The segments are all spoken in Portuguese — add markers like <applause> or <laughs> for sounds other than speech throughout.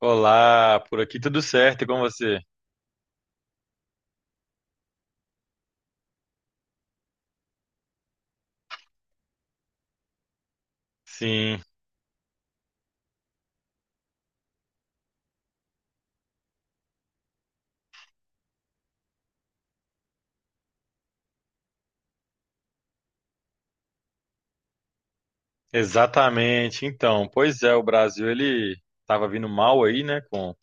Olá, por aqui tudo certo e com você? Sim, exatamente. Então, pois é, o Brasil ele estava vindo mal aí, né,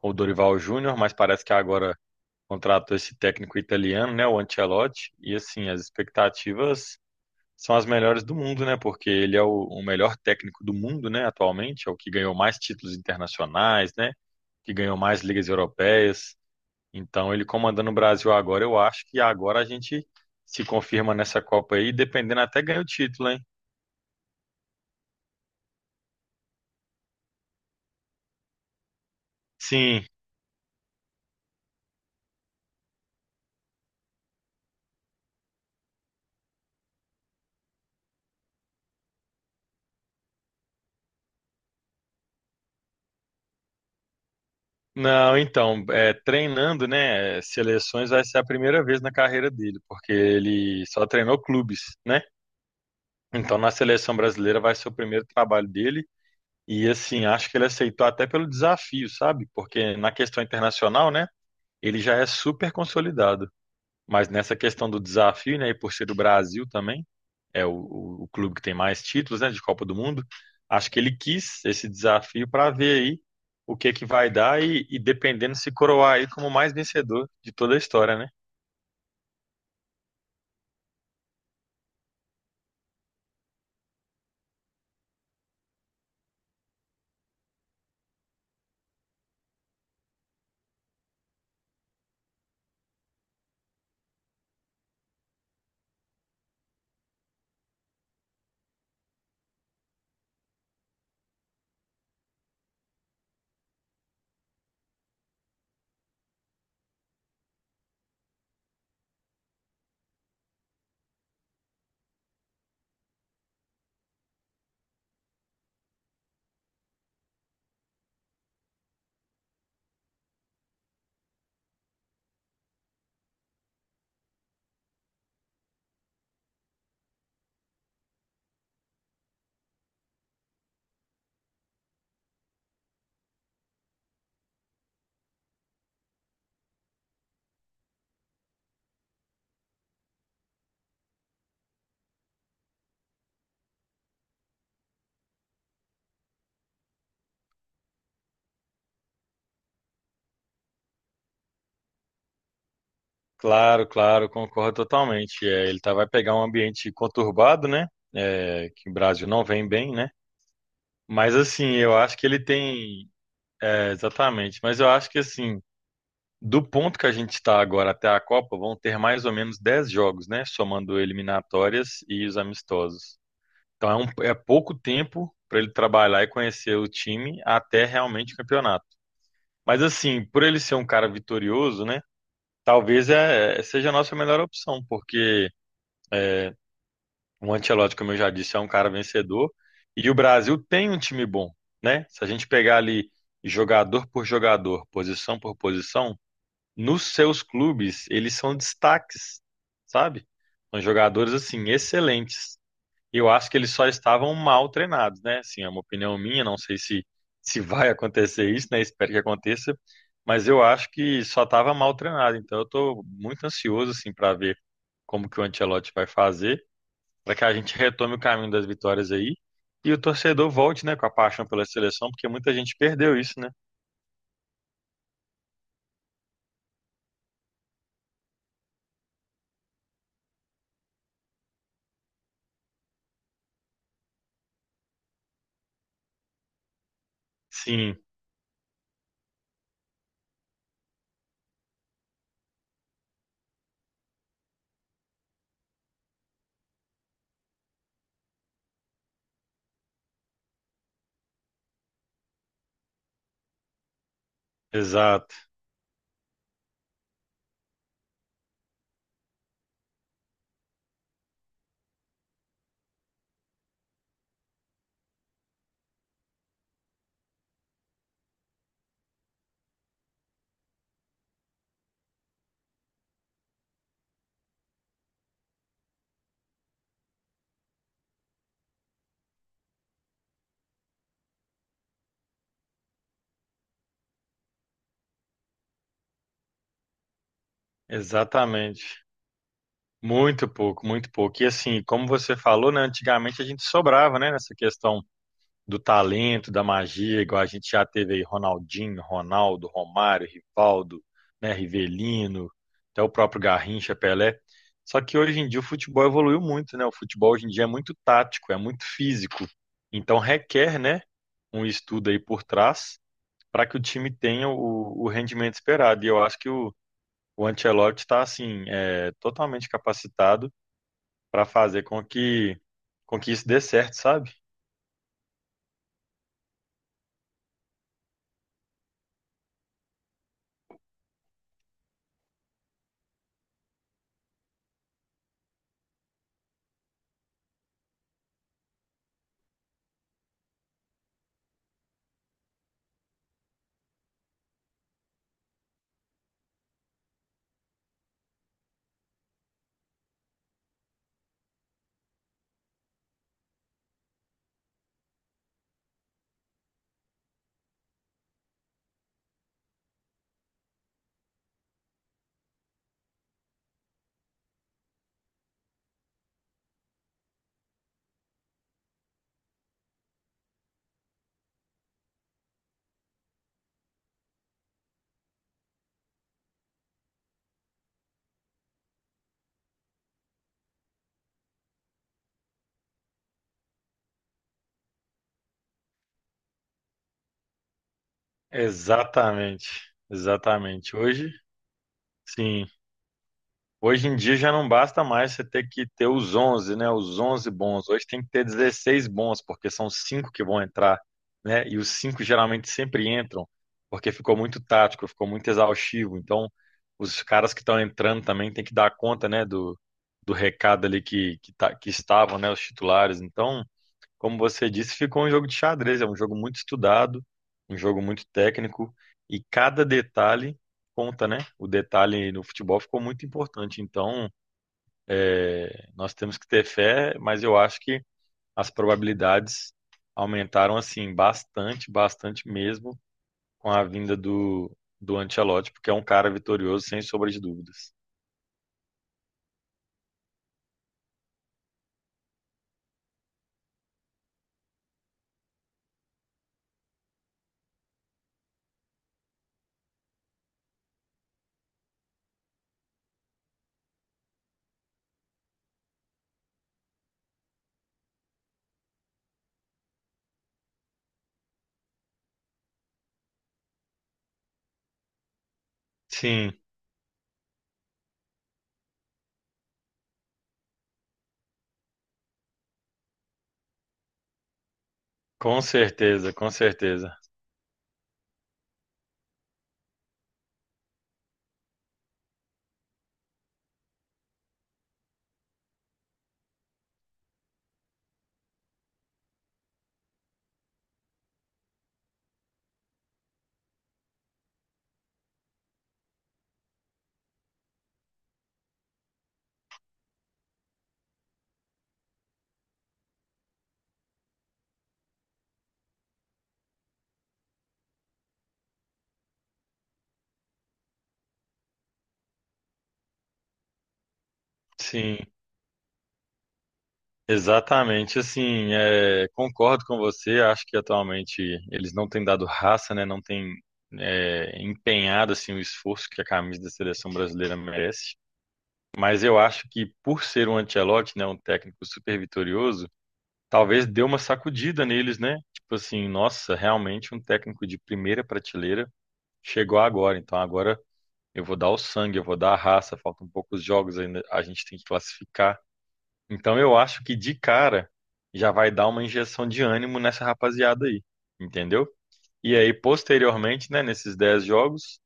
com o Dorival Júnior, mas parece que agora contratou esse técnico italiano, né, o Ancelotti, e assim, as expectativas são as melhores do mundo, né, porque ele é o melhor técnico do mundo, né, atualmente, é o que ganhou mais títulos internacionais, né, que ganhou mais ligas europeias. Então, ele comandando o Brasil agora, eu acho que agora a gente se confirma nessa Copa aí, dependendo até ganha o título, hein? Sim. Não, então, é, treinando, né, seleções vai ser a primeira vez na carreira dele, porque ele só treinou clubes, né? Então, na seleção brasileira vai ser o primeiro trabalho dele. E assim, acho que ele aceitou até pelo desafio, sabe? Porque na questão internacional, né, ele já é super consolidado. Mas nessa questão do desafio, né, e por ser do Brasil também, é o clube que tem mais títulos, né, de Copa do Mundo. Acho que ele quis esse desafio para ver aí o que que vai dar e dependendo se coroar aí como o mais vencedor de toda a história, né? Claro, claro, concordo totalmente. É, ele tá, vai pegar um ambiente conturbado, né? É, que o Brasil não vem bem, né? Mas assim, eu acho que ele tem. É, exatamente. Mas eu acho que assim, do ponto que a gente está agora até a Copa, vão ter mais ou menos 10 jogos, né? Somando eliminatórias e os amistosos. Então é, é pouco tempo para ele trabalhar e conhecer o time até realmente o campeonato. Mas assim, por ele ser um cara vitorioso, né? Talvez seja a nossa melhor opção, porque o Ancelotti, como eu já disse, é um cara vencedor e o Brasil tem um time bom, né? Se a gente pegar ali jogador por jogador, posição por posição, nos seus clubes eles são destaques, sabe? São jogadores assim excelentes. E eu acho que eles só estavam mal treinados, né? Assim, é uma opinião minha, não sei se, se vai acontecer isso, né? Espero que aconteça, mas eu acho que só estava mal treinado. Então eu estou muito ansioso assim para ver como que o Ancelotti vai fazer, para que a gente retome o caminho das vitórias aí e o torcedor volte, né, com a paixão pela seleção, porque muita gente perdeu isso, né? Sim, exato, exatamente. Muito pouco, muito pouco. E assim, como você falou, né, antigamente a gente sobrava, né, nessa questão do talento, da magia, igual a gente já teve aí Ronaldinho, Ronaldo, Romário, Rivaldo, né, Rivelino, até o próprio Garrincha, Pelé. Só que hoje em dia o futebol evoluiu muito, né? O futebol hoje em dia é muito tático, é muito físico. Então requer, né, um estudo aí por trás para que o time tenha o rendimento esperado. E eu acho que o Ancelotti está assim, é, totalmente capacitado para fazer com que isso dê certo, sabe? Exatamente, exatamente. Hoje, sim, hoje em dia já não basta mais você ter que ter os onze, né? Os 11 bons. Hoje tem que ter 16 bons, porque são cinco que vão entrar, né? E os cinco geralmente sempre entram, porque ficou muito tático, ficou muito exaustivo. Então, os caras que estão entrando também tem que dar conta, né, do recado ali que, tá, que estavam, né, os titulares. Então, como você disse, ficou um jogo de xadrez. É um jogo muito estudado, um jogo muito técnico e cada detalhe conta, né? O detalhe no futebol ficou muito importante. Então, é, nós temos que ter fé, mas eu acho que as probabilidades aumentaram assim bastante, bastante mesmo com a vinda do Ancelotti, porque é um cara vitorioso sem sombra de dúvidas. Sim, com certeza, com certeza. Sim. Exatamente, assim, é, concordo com você. Acho que atualmente eles não têm dado raça, né? Não têm, é, empenhado assim o esforço que a camisa da seleção brasileira merece. Mas eu acho que por ser um Ancelotti, né, um técnico super vitorioso, talvez deu uma sacudida neles, né? Tipo assim, nossa, realmente um técnico de primeira prateleira chegou agora. Então agora eu vou dar o sangue, eu vou dar a raça. Faltam poucos jogos ainda, a gente tem que classificar. Então eu acho que de cara já vai dar uma injeção de ânimo nessa rapaziada aí, entendeu? E aí, posteriormente, né, nesses 10 jogos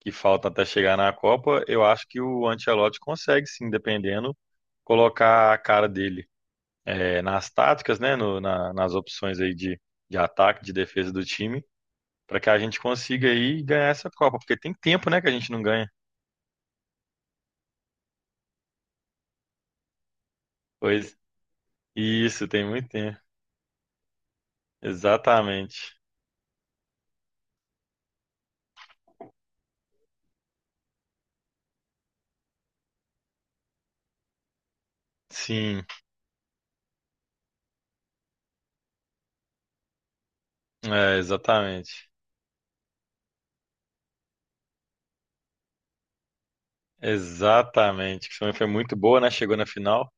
que faltam até chegar na Copa, eu acho que o Ancelotti consegue, sim, dependendo, colocar a cara dele, eh, nas táticas, né, nas opções aí de ataque, de defesa do time, para que a gente consiga aí ganhar essa Copa, porque tem tempo, né, que a gente não ganha. Pois isso, tem muito tempo. Exatamente. Sim, é, exatamente. Exatamente, que também foi muito boa, né? Chegou na final.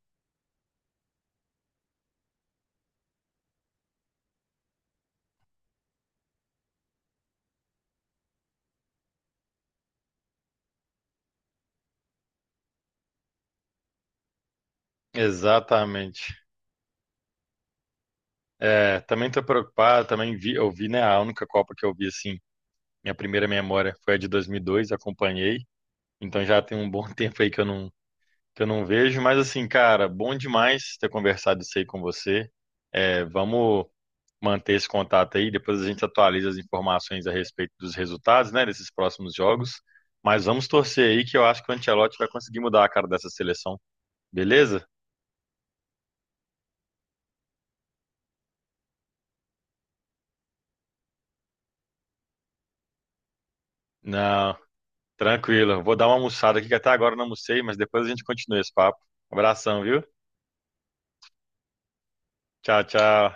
Exatamente. É, também tô preocupado, também vi, eu vi, né, a única Copa que eu vi assim, minha primeira memória foi a de 2002, acompanhei. Então já tem um bom <laughs> tempo aí que eu que eu não vejo, mas assim, cara, bom demais ter conversado isso aí com você. É, vamos manter esse contato aí, depois a gente atualiza as informações a respeito dos resultados, né, desses próximos jogos. Mas vamos torcer aí que eu acho que o Ancelotti vai conseguir mudar a cara dessa seleção, beleza? Não, tranquilo. Vou dar uma almoçada aqui, que até agora eu não almocei, mas depois a gente continua esse papo. Abração, viu? Tchau, tchau.